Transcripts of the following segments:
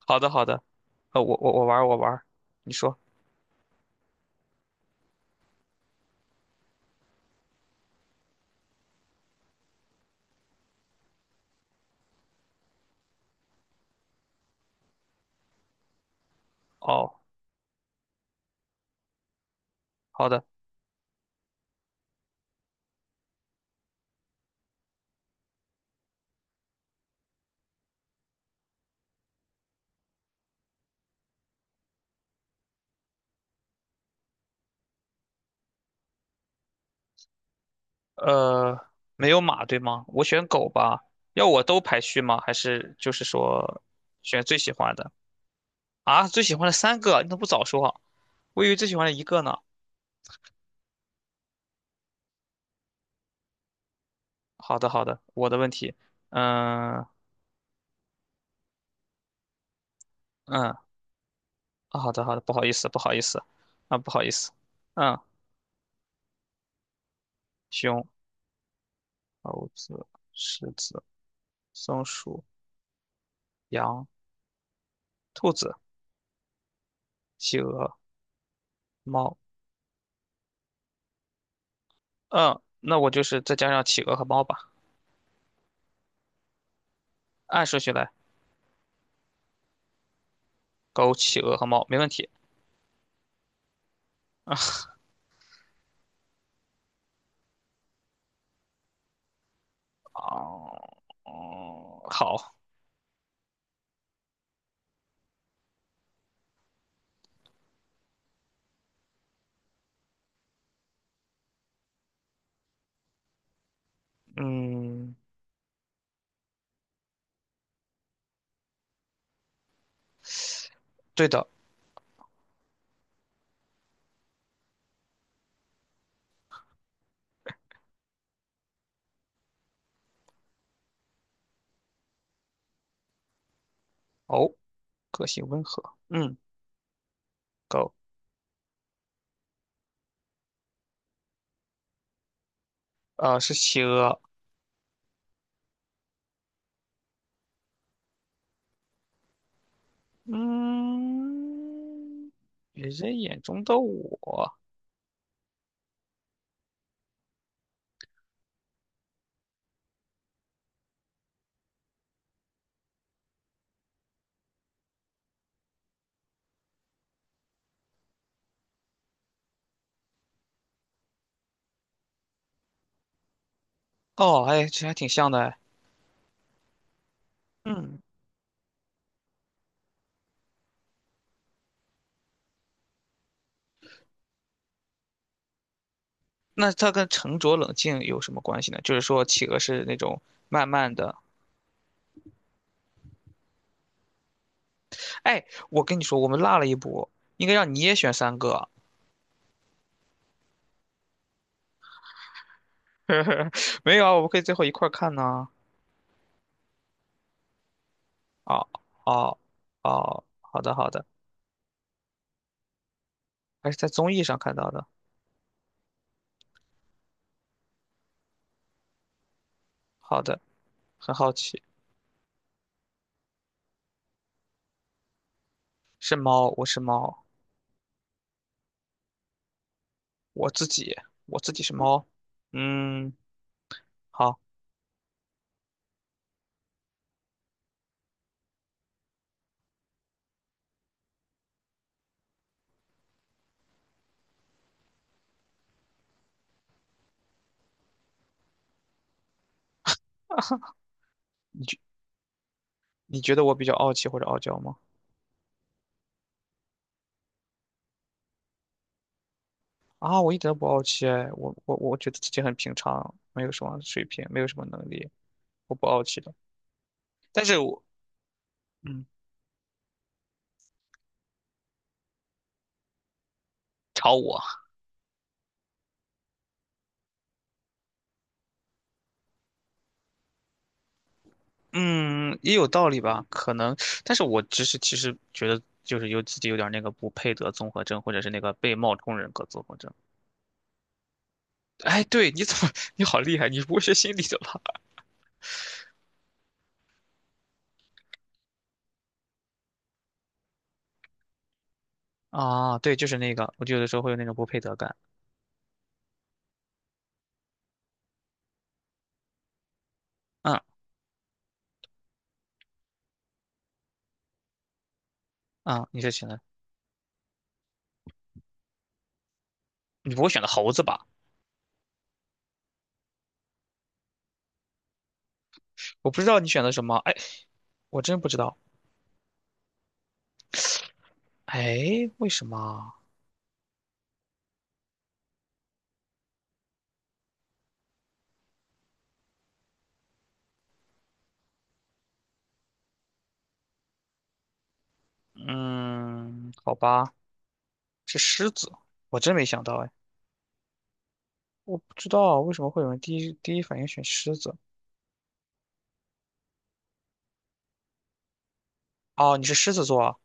好的，好的，我玩儿，你说。哦，好的，呃，没有马对吗？我选狗吧。要我都排序吗？还是就是说选最喜欢的啊？最喜欢的三个，你怎么不早说啊？我以为最喜欢的一个呢。好的，好的，我的问题。嗯嗯，啊好的好的，不好意思不好意思，啊不好意思。嗯，熊、猴子、狮子、松鼠、羊、兔子、企鹅、猫。嗯，那我就是再加上企鹅和猫吧，按顺序来，狗、企鹅和猫，没问题。哦，哦，好，嗯，对的。哦，个性温和，嗯，狗，是企鹅，嗯，别人眼中的我，哦，哎，这还挺像的哎，嗯，那它跟沉着冷静有什么关系呢？就是说，企鹅是那种慢慢的，哎，我跟你说，我们落了一步，应该让你也选三个。没有啊，我们可以最后一块儿看呢。哦哦哦，好的好的，还是在综艺上看到的。好的，很好奇，是猫，我是猫，我自己，我自己是猫。嗯，好，你觉你觉得我比较傲气或者傲娇吗？啊，我一点都不傲气哎，我觉得自己很平常，没有什么水平，没有什么能力，我不傲气的。但是我，嗯，朝我。嗯，也有道理吧，可能，但是我只是其实觉得就是有自己有点那个不配得综合症，或者是那个被冒充人格综合症。哎，对，你怎么，你好厉害，你不会是心理的吧？啊，对，就是那个，我就有的时候会有那种不配得感。嗯嗯，你是选的，你不会选的猴子吧？我不知道你选的什么，哎，我真不知道。哎，为什么？嗯，好吧，是狮子，我真没想到，哎，我不知道为什么会有人第一反应选狮子。哦，你是狮子座啊。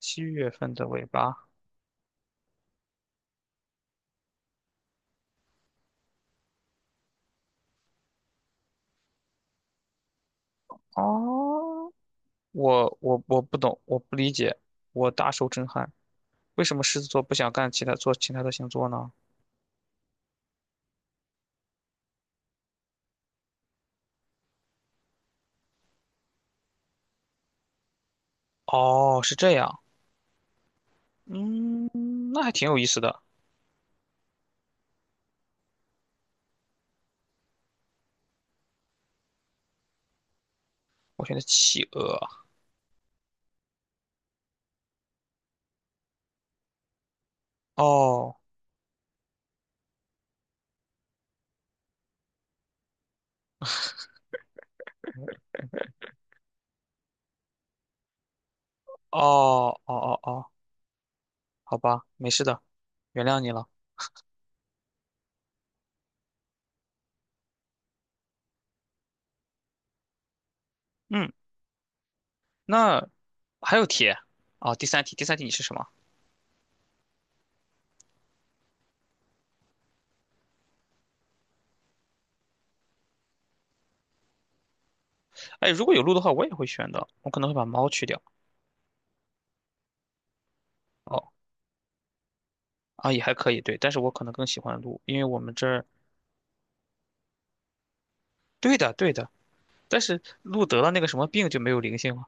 七月份的尾巴。哦，我不懂，我不理解，我大受震撼。为什么狮子座不想干其他做其他的星座呢？哦，是这样。嗯，那还挺有意思的。我选的企鹅。哦哦哦哦哦，好吧，没事的，原谅你了。嗯，那还有题啊，第三题你是什么？哎，如果有鹿的话，我也会选的，我可能会把猫去掉。哦，啊，也还可以，对，但是我可能更喜欢鹿，因为我们这儿对的，对的。但是鹿得了那个什么病就没有灵性了，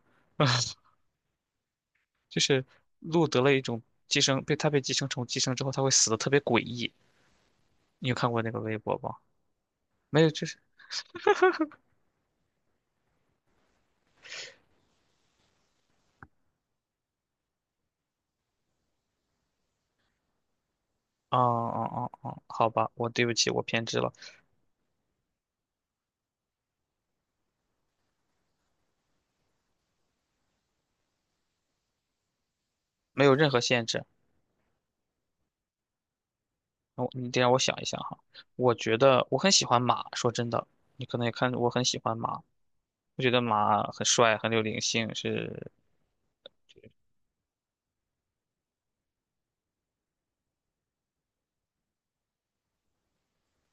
就是鹿得了一种寄生，被寄生虫寄生之后，它会死的特别诡异。你有看过那个微博吗？没有，就是，哦哦哦哦，好吧，我对不起，我偏执了，没有任何限制。你得让我想一想哈。我觉得我很喜欢马，说真的，你可能也看我很喜欢马，我觉得马很帅，很有灵性，是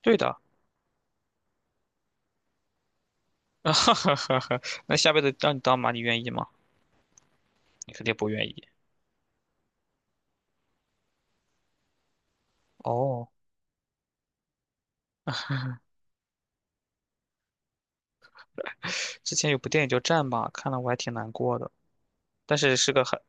对的。那下辈子让你当马，你愿意吗？你肯定不愿意。哦，之前有部电影叫《战马》，看了我还挺难过的，但是是个很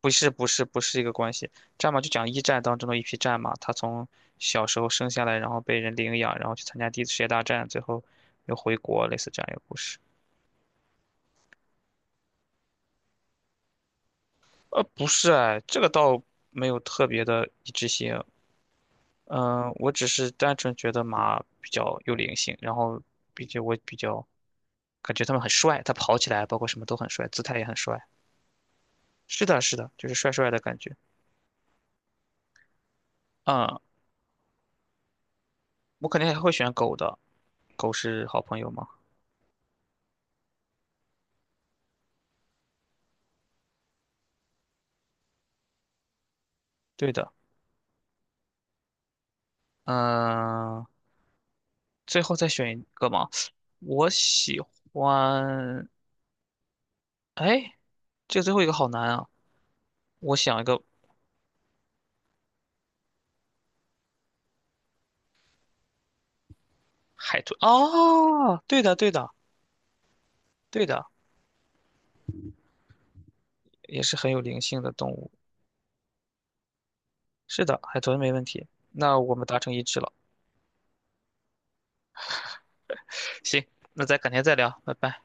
不是不是不是一个关系，《战马》就讲一战当中的一匹战马，它从小时候生下来，然后被人领养，然后去参加第一次世界大战，最后又回国，类似这样一个故事。不是哎，这个倒没有特别的一致性，嗯、我只是单纯觉得马比较有灵性，然后并且我比较感觉他们很帅，他跑起来包括什么都很帅，姿态也很帅。是的，是的，就是帅帅的感觉。嗯，我肯定还会选狗的，狗是好朋友吗？对的，嗯、最后再选一个嘛。我喜欢，哎，这个最后一个好难啊。我想一个海豚，哦，对的，对的，对的，也是很有灵性的动物。是的，海豚没问题。那我们达成一致了。行，那咱改天再聊，拜拜。